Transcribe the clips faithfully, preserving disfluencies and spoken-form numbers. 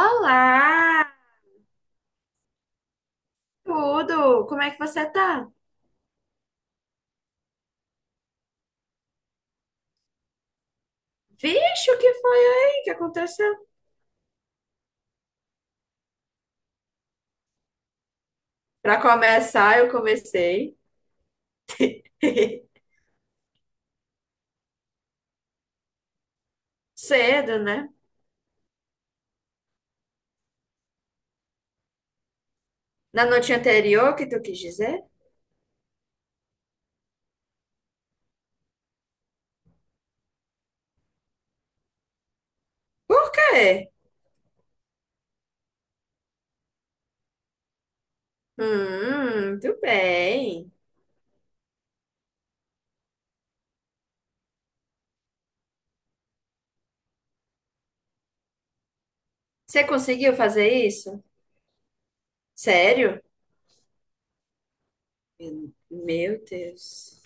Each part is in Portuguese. Olá, tudo? Como é que você tá? Vixe, o que foi aí? O que aconteceu? Pra começar, eu comecei cedo, né? Na noite anterior, que tu quis dizer? Por quê? Hum, muito bem. Você conseguiu fazer isso? Sério? Meu Deus.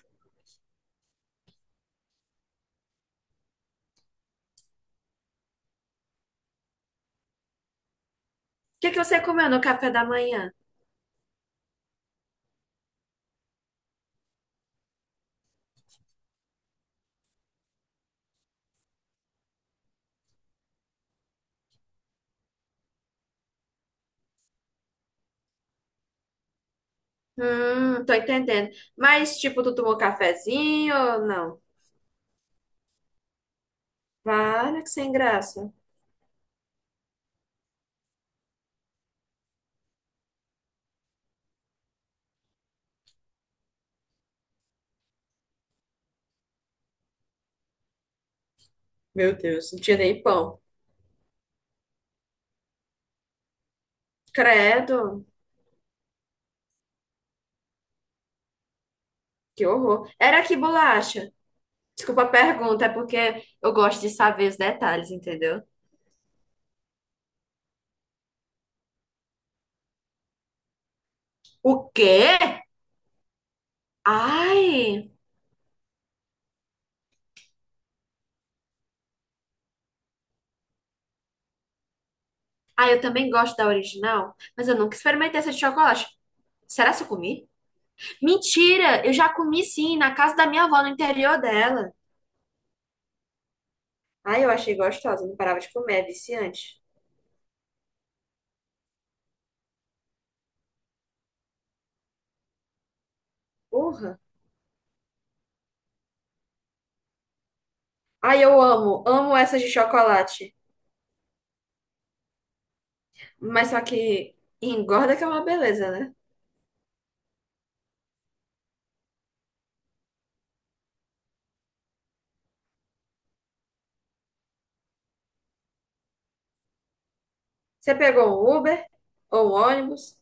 O que que você comeu no café da manhã? Hum, tô entendendo. Mas, tipo, tu tomou cafezinho ou não? Vale que sem graça. Meu Deus, não tinha nem pão. Credo, que horror. Era que bolacha? Desculpa a pergunta, é porque eu gosto de saber os detalhes, entendeu? O quê? Ai! Ah, eu também gosto da original, mas eu nunca experimentei essa de chocolate. Será que eu comi? Mentira! Eu já comi sim, na casa da minha avó, no interior dela. Ai, eu achei gostosa, não parava de comer, é viciante. Porra! Ai, eu amo, amo essas de chocolate. Mas só que engorda que é uma beleza, né? Você pegou um Uber ou um ônibus?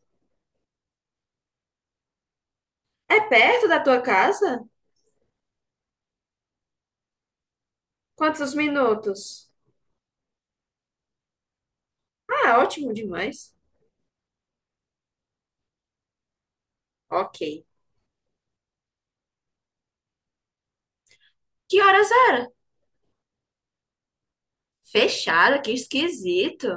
É perto da tua casa? Quantos minutos? Ah, ótimo demais. Ok. Que horas era? Fechada, que esquisito.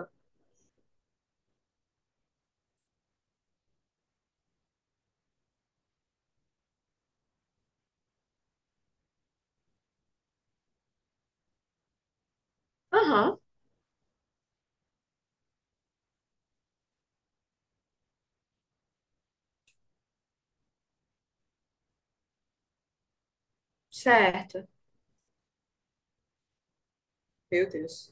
Aham, certo. Meu Deus.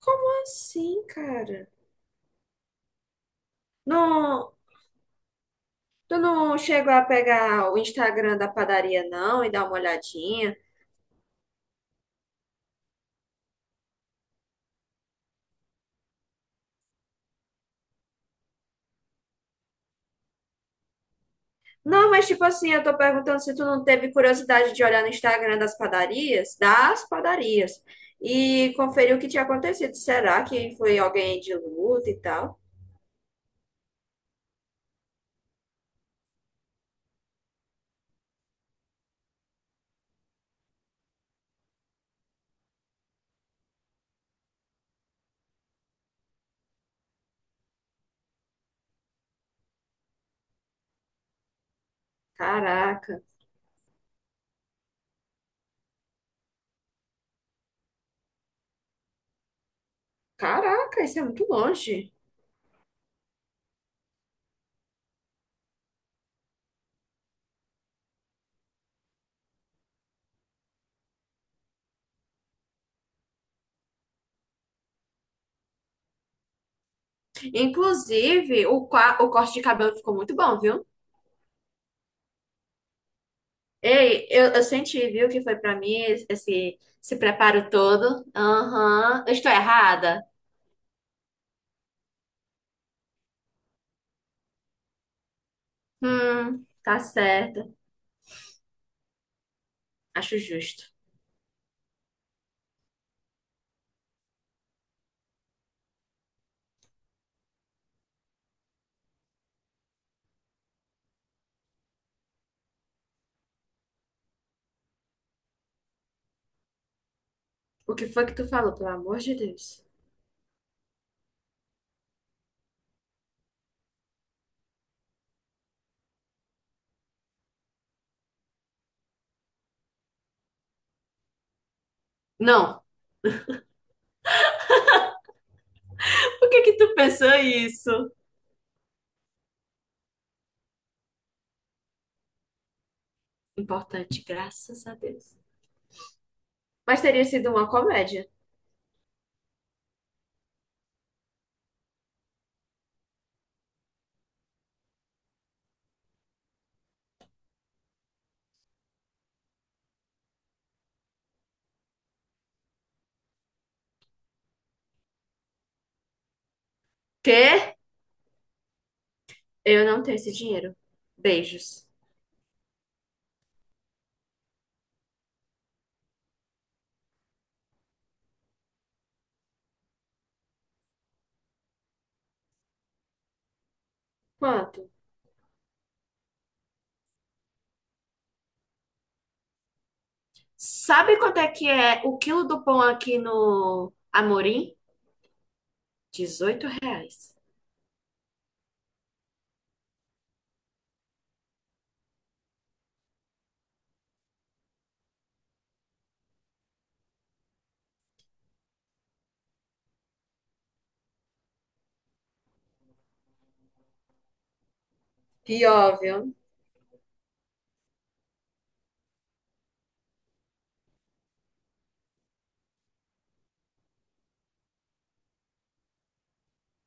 Como assim, cara? Não, tu não chegou a pegar o Instagram da padaria, não, e dar uma olhadinha? Não, mas tipo assim, eu tô perguntando se tu não teve curiosidade de olhar no Instagram das padarias, das padarias, e conferir o que tinha acontecido. Será que foi alguém de luta e tal? Caraca. Caraca, isso é muito longe. Inclusive, o, qua- o corte de cabelo ficou muito bom, viu? Ei, eu, eu senti, viu, que foi pra mim esse, esse preparo todo. Aham. Eu estou errada? Hum, tá certa. Acho justo. O que foi que tu falou, pelo amor de Deus? Não. O que que tu pensou isso? Importante, graças a Deus. Mas teria sido uma comédia. Quê? Eu não tenho esse dinheiro. Beijos. Quanto? Sabe quanto é que é o quilo do pão aqui no Amorim? Dezoito reais. Pior, viu?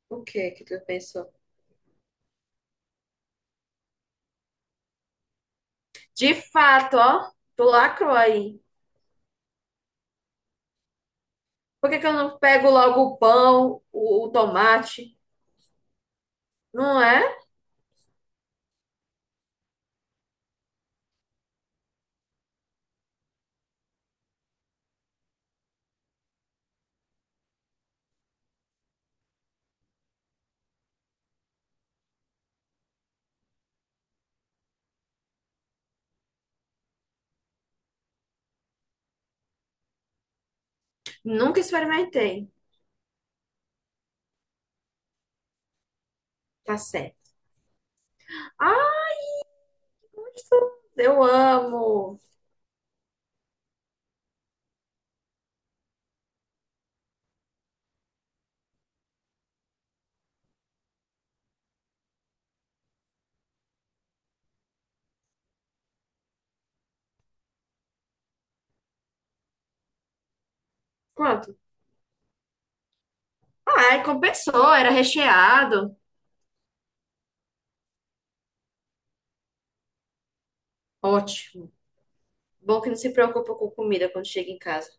O que que tu pensou? De fato, ó, tu lacrou aí. Por que que eu não pego logo o pão, o, o tomate? Não é? Nunca experimentei. Tá certo. Ah, isso eu amo. Quanto? Ai, compensou, era recheado. Ótimo. Bom que não se preocupa com comida quando chega em casa.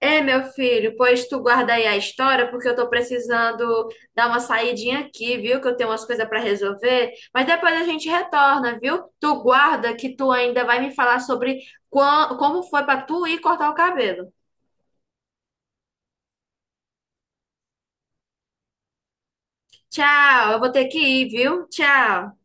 É, meu filho, pois tu guarda aí a história, porque eu tô precisando dar uma saidinha aqui, viu? Que eu tenho umas coisas pra resolver. Mas depois a gente retorna, viu? Tu guarda que tu ainda vai me falar sobre quan- como foi pra tu ir cortar o cabelo. Tchau, eu vou ter que ir, viu? Tchau.